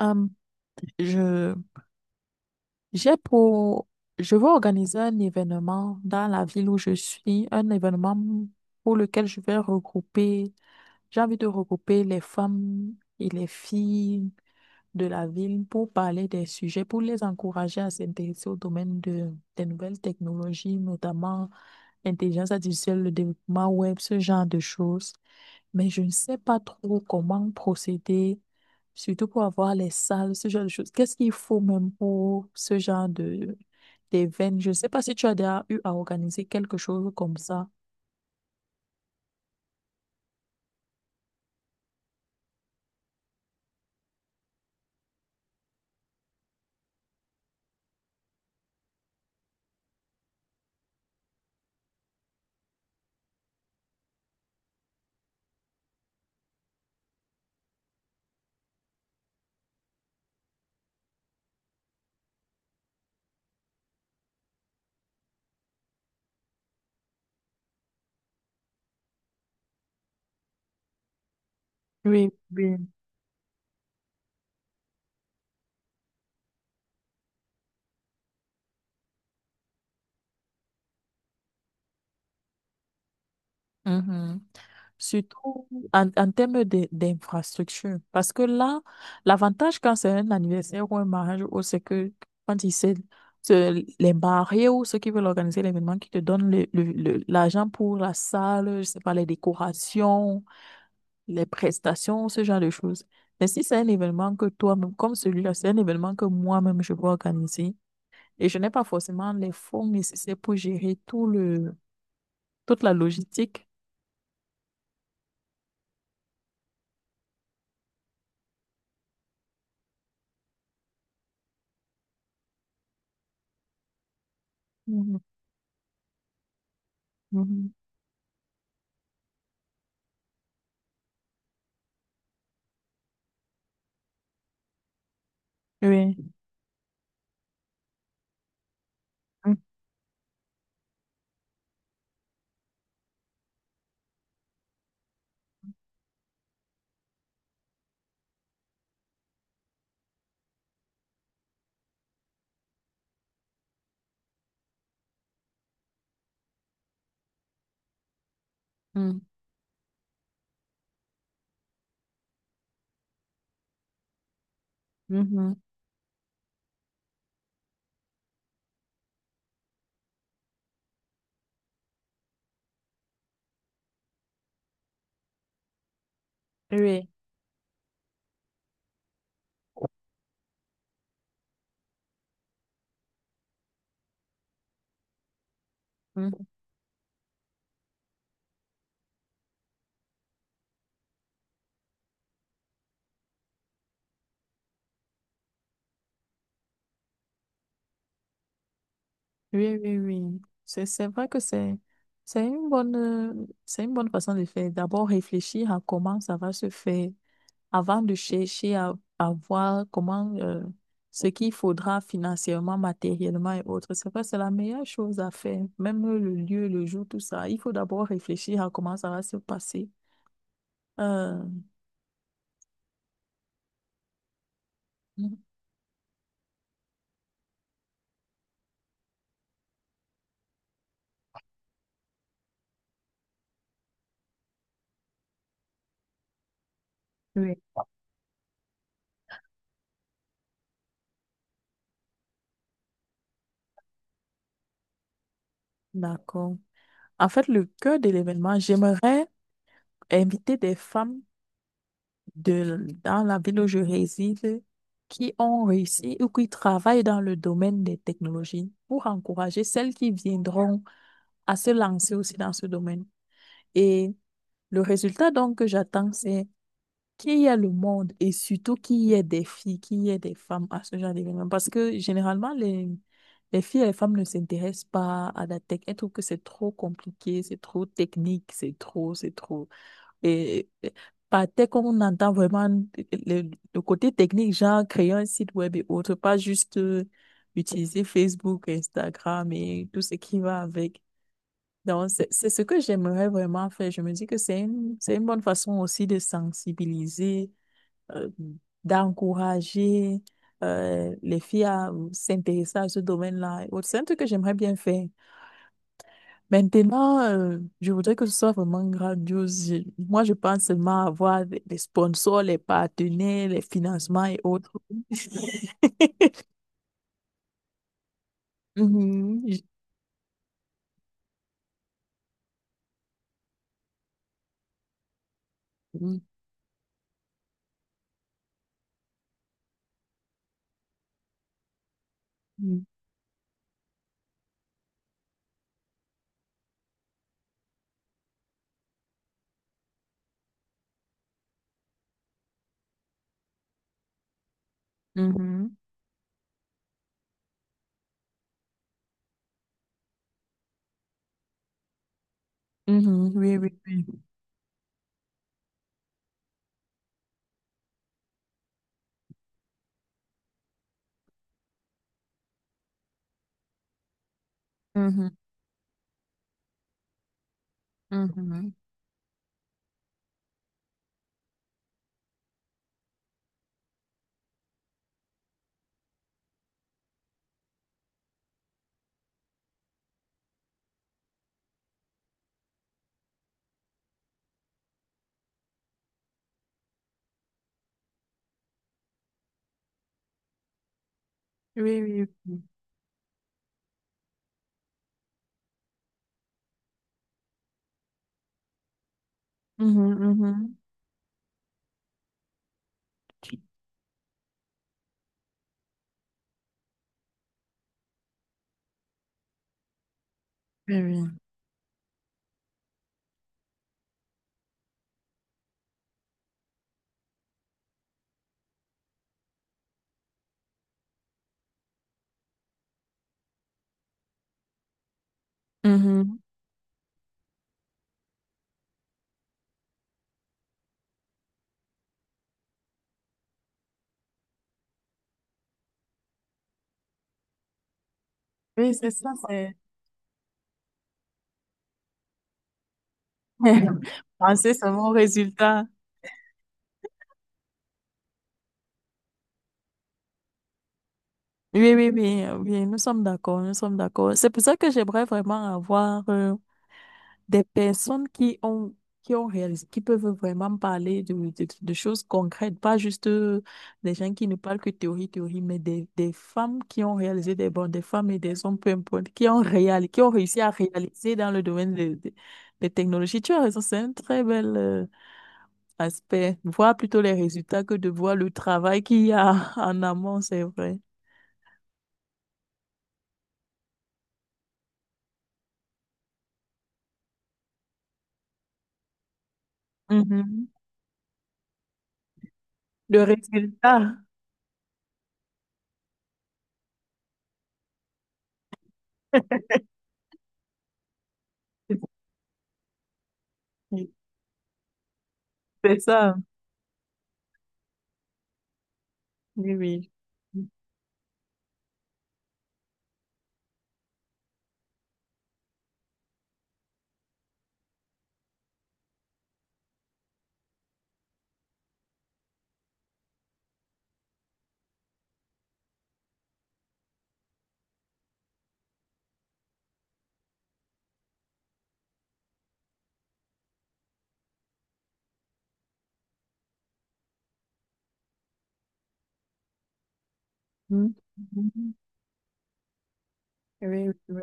Hum, je, j'ai pour, je veux organiser un événement dans la ville où je suis, un événement pour lequel je vais regrouper, j'ai envie de regrouper les femmes et les filles de la ville pour parler des sujets, pour les encourager à s'intéresser au domaine des nouvelles technologies, notamment l'intelligence artificielle, le développement web, ce genre de choses, mais je ne sais pas trop comment procéder, surtout pour avoir les salles, ce genre de choses. Qu'est-ce qu'il faut même pour ce genre de d'événement? Je ne sais pas si tu as déjà eu à organiser quelque chose comme ça. Oui, oui. Mhm. Surtout en termes d'infrastructure. Parce que là, l'avantage quand c'est un anniversaire ou un mariage, ou c'est que quand les mariés ou ceux qui veulent organiser l'événement, qui te donnent l'argent pour la salle, je sais pas, les décorations, les prestations, ce genre de choses. Mais si c'est un événement que toi-même, comme celui-là, c'est un événement que moi-même je veux organiser et je n'ai pas forcément les fonds nécessaires pour gérer toute la logistique. Mhm, mhm. Oui. Mhm, mhm. Oui. Mhm. Oui, oui, oui. C'est vrai que c'est une bonne façon de faire. D'abord réfléchir à comment ça va se faire avant de chercher à voir comment, ce qu'il faudra financièrement, matériellement et autres. C'est vrai, c'est la meilleure chose à faire. Même le lieu, le jour, tout ça. Il faut d'abord réfléchir à comment ça va se passer. Euh, Oui. D'accord. En fait, le cœur de l'événement, j'aimerais inviter des femmes dans la ville où je réside, qui ont réussi ou qui travaillent dans le domaine des technologies pour encourager celles qui viendront à se lancer aussi dans ce domaine. Et le résultat donc que j'attends, c'est qu'il y ait le monde et surtout qu'il y ait des filles, qu'il y ait des femmes à ce genre d'événement. Parce que généralement, les filles et les femmes ne s'intéressent pas à la tech. Elles trouvent que c'est trop compliqué, c'est trop technique, c'est trop. Et par tech, on entend vraiment le côté technique, genre créer un site web et autres, pas juste utiliser Facebook, Instagram et tout ce qui va avec. Donc, c'est ce que j'aimerais vraiment faire. Je me dis que c'est une bonne façon aussi de sensibiliser, euh, d'encourager les filles à s'intéresser à ce domaine-là et autres. C'est un truc que j'aimerais bien faire. Maintenant, je voudrais que ce soit vraiment grandiose. Moi, je pense seulement à avoir des sponsors, les partenaires, les financements et autres. Mhm. Mhm. Mhm. Mhm. Oui, oui, oui. Mhm. Mhm. Oui, oui. Mhm, mhm. Oui, oui. Mhm. Oui, c'est ça, c'est... Penser seulement au résultat. Oui, oui, oui, oui, nous sommes d'accord, nous sommes d'accord. C'est pour ça que j'aimerais vraiment avoir des personnes qui ont réalisé, qui peuvent vraiment parler de choses concrètes, pas juste des gens qui ne parlent que théorie, théorie, mais des femmes qui ont réalisé des bons, des femmes et des hommes, peu importe, qui ont réalisé, qui ont réussi à réaliser dans le domaine des technologies. Tu as raison, c'est un très bel, aspect, voir plutôt les résultats que de voir le travail qu'il y a en amont, c'est vrai. Mhm. Le résultat, c'est ça. Oui, oui. Mhm. Mhm. Oui, oui, oui.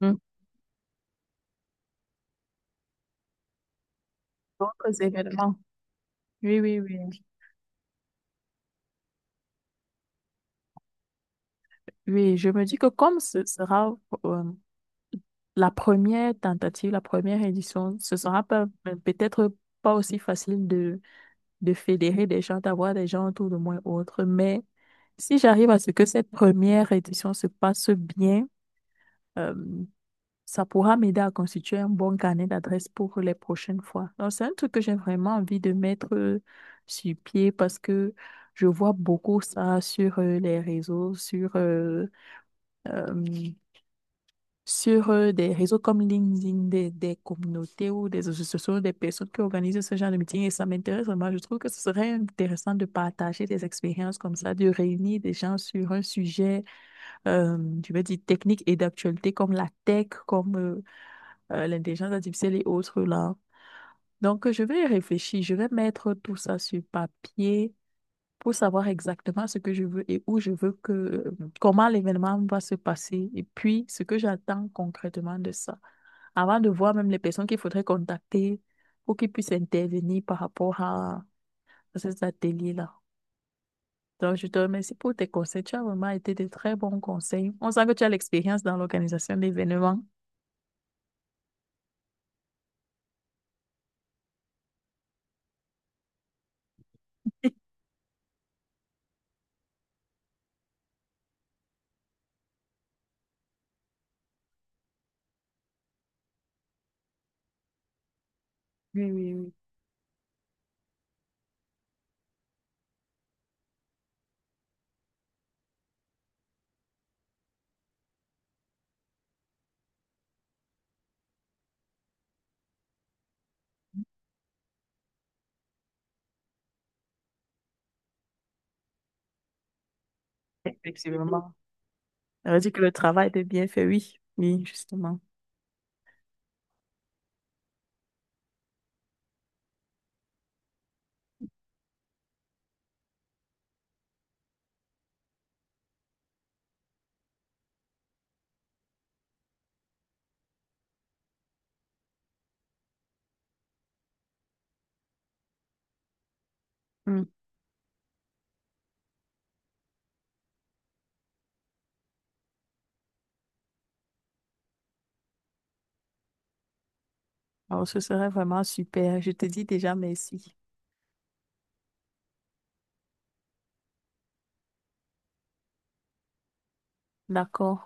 Mhm. D'autres événements. Oui, oui, oui. Oui, je me dis que comme ce sera, euh, la première tentative, la première édition, ce sera pas- mais peut-être pas aussi facile de fédérer des gens, d'avoir des gens autour de moi ou autre, mais si j'arrive à ce que cette première édition se passe bien, euh, ça pourra m'aider à constituer un bon carnet d'adresses pour les prochaines fois. Donc, c'est un truc que j'ai vraiment envie de mettre sur pied, parce que je vois beaucoup ça sur les réseaux, euh, sur des réseaux comme LinkedIn, des communautés ou des associations, des personnes qui organisent ce genre de meeting. Et ça m'intéresse vraiment. Je trouve que ce serait intéressant de partager des expériences comme ça, de réunir des gens sur un sujet, euh, je vais dire, technique et d'actualité comme la tech, comme l'intelligence artificielle et autres là. Donc, je vais y réfléchir, je vais mettre tout ça sur papier pour savoir exactement ce que je veux et où je veux que, comment l'événement va se passer et puis ce que j'attends concrètement de ça. Avant de voir même les personnes qu'il faudrait contacter pour qu'ils puissent intervenir par rapport ces ateliers-là. Donc, je te remercie pour tes conseils. Tu as vraiment été de très bons conseils. On sent que tu as l'expérience dans l'organisation d'événements. Oui, oui, oui. Effectivement. Ça veut dire que le travail était bien fait, oui. Oui, justement. Mm. Alors, ce serait vraiment super. Je te dis déjà merci. D'accord.